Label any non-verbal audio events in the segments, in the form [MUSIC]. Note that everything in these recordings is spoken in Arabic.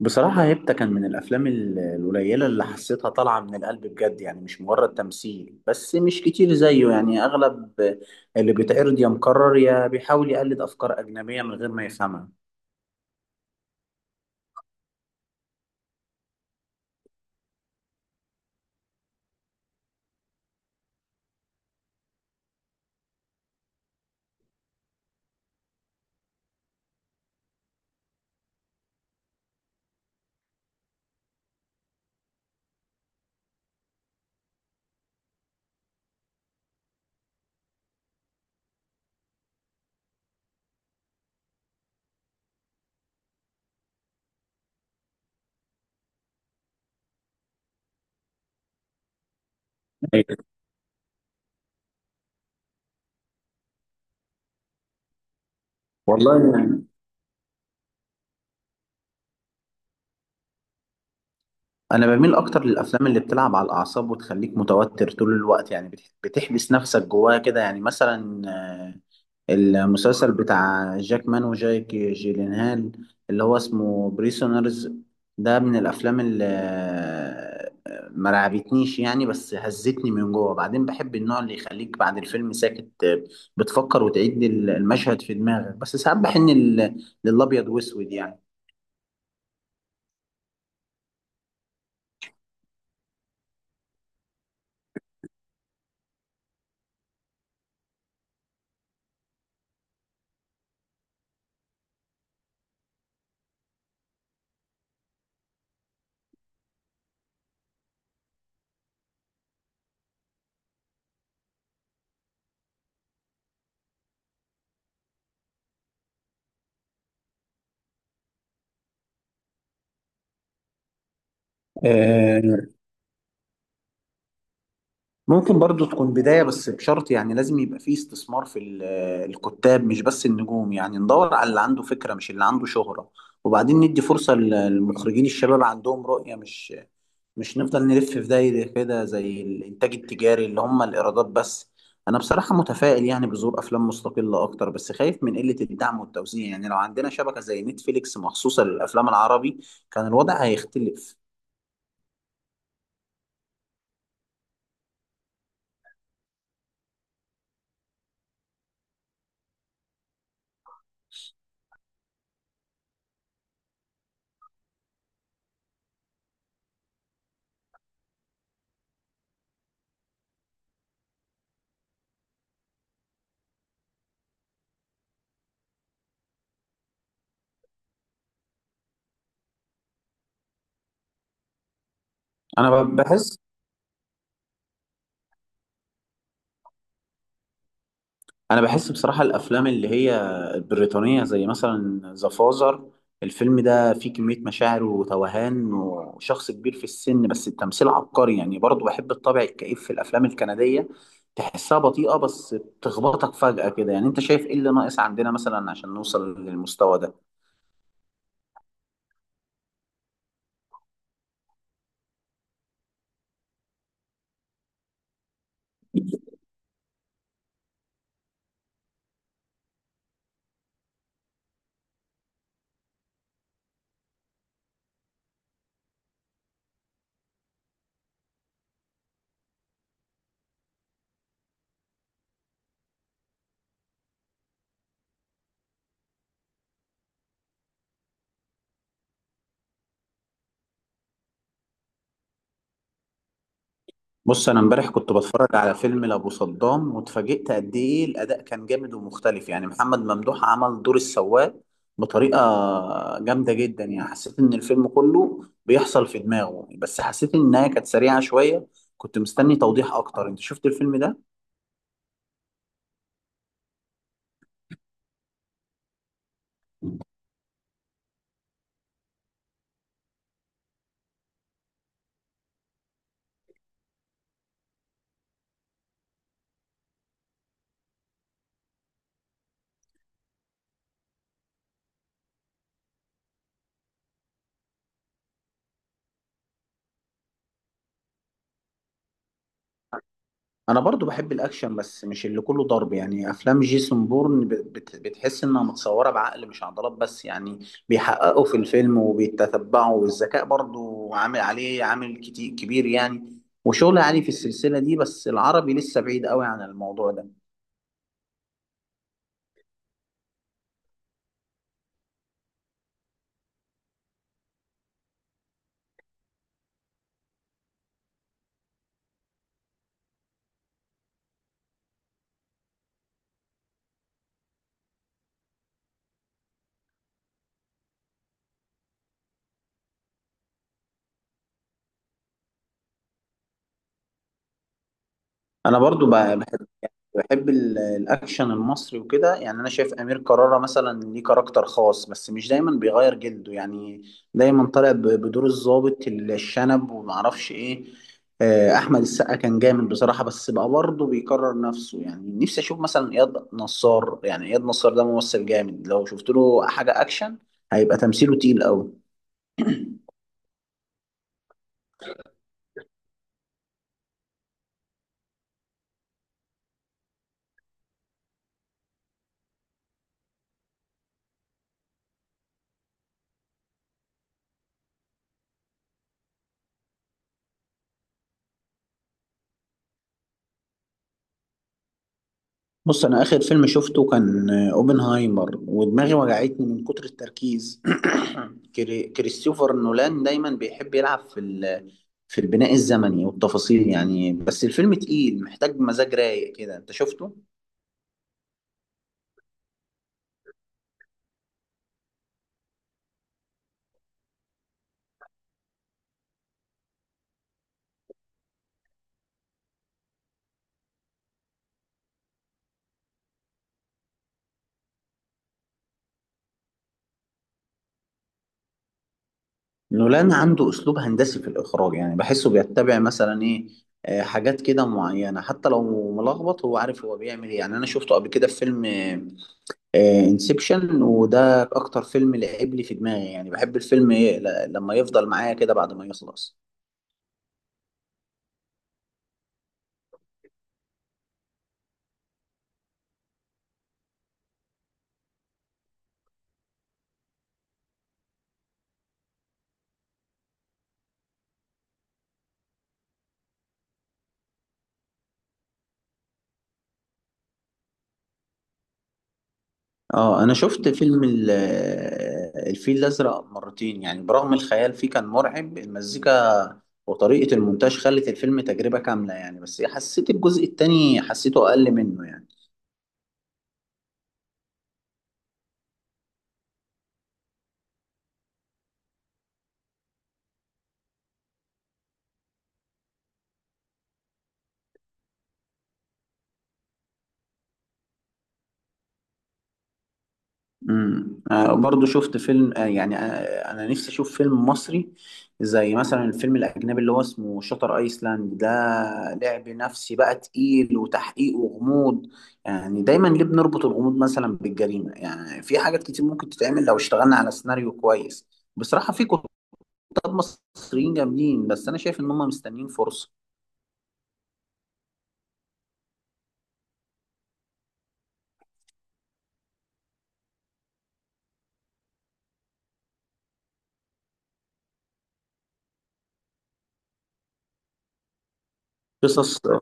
بصراحة هيبتا كان من الأفلام القليلة اللي حسيتها طالعة من القلب بجد، يعني مش مجرد تمثيل بس، مش كتير زيه. يعني أغلب اللي بيتعرض يا مكرر يا بيحاول يقلد أفكار أجنبية من غير ما يفهمها. أيوة. والله يعني أنا بميل أكتر للأفلام اللي بتلعب على الأعصاب وتخليك متوتر طول الوقت، يعني بتحبس نفسك جواها كده، يعني مثلا المسلسل بتاع جاك مان وجايك جيلينهال، اللي هو اسمه بريسونرز. ده من الافلام اللي ما رعبتنيش يعني، بس هزتني من جوه. بعدين بحب النوع اللي يخليك بعد الفيلم ساكت، بتفكر وتعيد المشهد في دماغك. بس ساعات بحن للابيض واسود. يعني ممكن برضو تكون بداية، بس بشرط، يعني لازم يبقى فيه استثمار في الكتاب مش بس النجوم، يعني ندور على اللي عنده فكرة مش اللي عنده شهرة، وبعدين ندي فرصة للمخرجين الشباب اللي عندهم رؤية، مش نفضل نلف في دايرة كده زي الإنتاج التجاري اللي هم الإيرادات بس. أنا بصراحة متفائل يعني بظهور أفلام مستقلة أكتر، بس خايف من قلة الدعم والتوزيع. يعني لو عندنا شبكة زي نتفليكس مخصوصة للأفلام العربي، كان الوضع هيختلف. أنا بحس انا بحس بصراحه الافلام اللي هي البريطانيه زي مثلا ذا فازر، الفيلم ده فيه كميه مشاعر وتوهان وشخص كبير في السن، بس التمثيل عبقري. يعني برضه بحب الطابع الكئيب في الافلام الكنديه، تحسها بطيئه بس بتخبطك فجاه كده. يعني انت شايف ايه اللي ناقص عندنا مثلا عشان نوصل للمستوى ده؟ بص انا امبارح كنت بتفرج على فيلم لابو صدام، واتفاجئت قد ايه الاداء كان جامد ومختلف. يعني محمد ممدوح عمل دور السواق بطريقه جامده جدا، يعني حسيت ان الفيلم كله بيحصل في دماغه. بس حسيت انها كانت سريعه شويه، كنت مستني توضيح اكتر. انت شفت الفيلم ده؟ انا برضو بحب الاكشن بس مش اللي كله ضرب. يعني افلام جيسون بورن، بتحس انها متصوره بعقل مش عضلات بس. يعني بيحققوا في الفيلم وبيتتبعوا، والذكاء برضو عامل كتير كبير يعني، وشغل عالي في السلسله دي. بس العربي لسه بعيد قوي عن الموضوع ده. انا برضو بحب الاكشن المصري وكده. يعني انا شايف امير كرارة مثلا ليه كاركتر خاص، بس مش دايما بيغير جلده، يعني دايما طالع بدور الضابط الشنب ومعرفش ايه. احمد السقا كان جامد بصراحة، بس بقى برضه بيكرر نفسه. يعني نفسي اشوف مثلا اياد نصار، يعني اياد نصار ده ممثل جامد، لو شفت له حاجة اكشن هيبقى تمثيله تقيل قوي. بص انا اخر فيلم شفته كان اوبنهايمر، ودماغي وجعتني من كتر التركيز. [CLEARS THROAT] كريستوفر نولان دايما بيحب يلعب في في البناء الزمني والتفاصيل يعني، بس الفيلم تقيل محتاج مزاج رايق كده. انت شفته؟ نولان عنده اسلوب هندسي في الاخراج، يعني بحسه بيتبع مثلا ايه، حاجات كده معينة، حتى لو ملخبط هو عارف هو بيعمل ايه. يعني انا شفته قبل كده في فيلم انسبشن، وده اكتر فيلم لعب لي في دماغي. يعني بحب الفيلم لما يفضل معايا كده بعد ما يخلص. اه انا شفت فيلم الفيل الازرق مرتين، يعني برغم الخيال فيه كان مرعب. المزيكا وطريقة المونتاج خلت الفيلم تجربة كاملة يعني، بس حسيت الجزء التاني حسيته اقل منه يعني. برضه شفت فيلم انا نفسي اشوف فيلم مصري زي مثلا الفيلم الاجنبي اللي هو اسمه شاتر ايسلاند ده. لعب نفسي بقى، تقيل وتحقيق وغموض. يعني دايما ليه بنربط الغموض مثلا بالجريمه؟ يعني في حاجات كتير ممكن تتعمل لو اشتغلنا على سيناريو كويس. بصراحه في كتاب مصريين جامدين، بس انا شايف ان هم مستنيين فرصه. قصص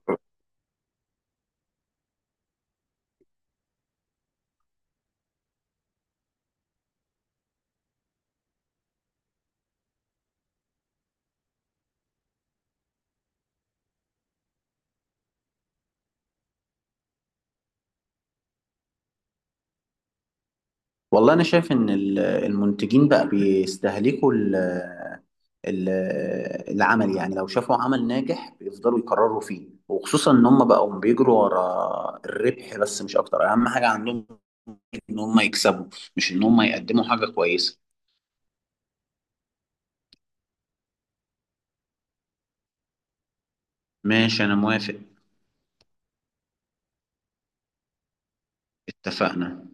والله انا شايف ان المنتجين بقى بيستهلكوا ال- العمل. يعني لو شافوا عمل ناجح بيفضلوا يكرروا فيه، وخصوصا ان هم بقوا بيجروا ورا الربح بس مش اكتر. اهم حاجة عندهم ان هم يكسبوا، مش ان هم يقدموا حاجة كويسة. ماشي انا موافق. اتفقنا.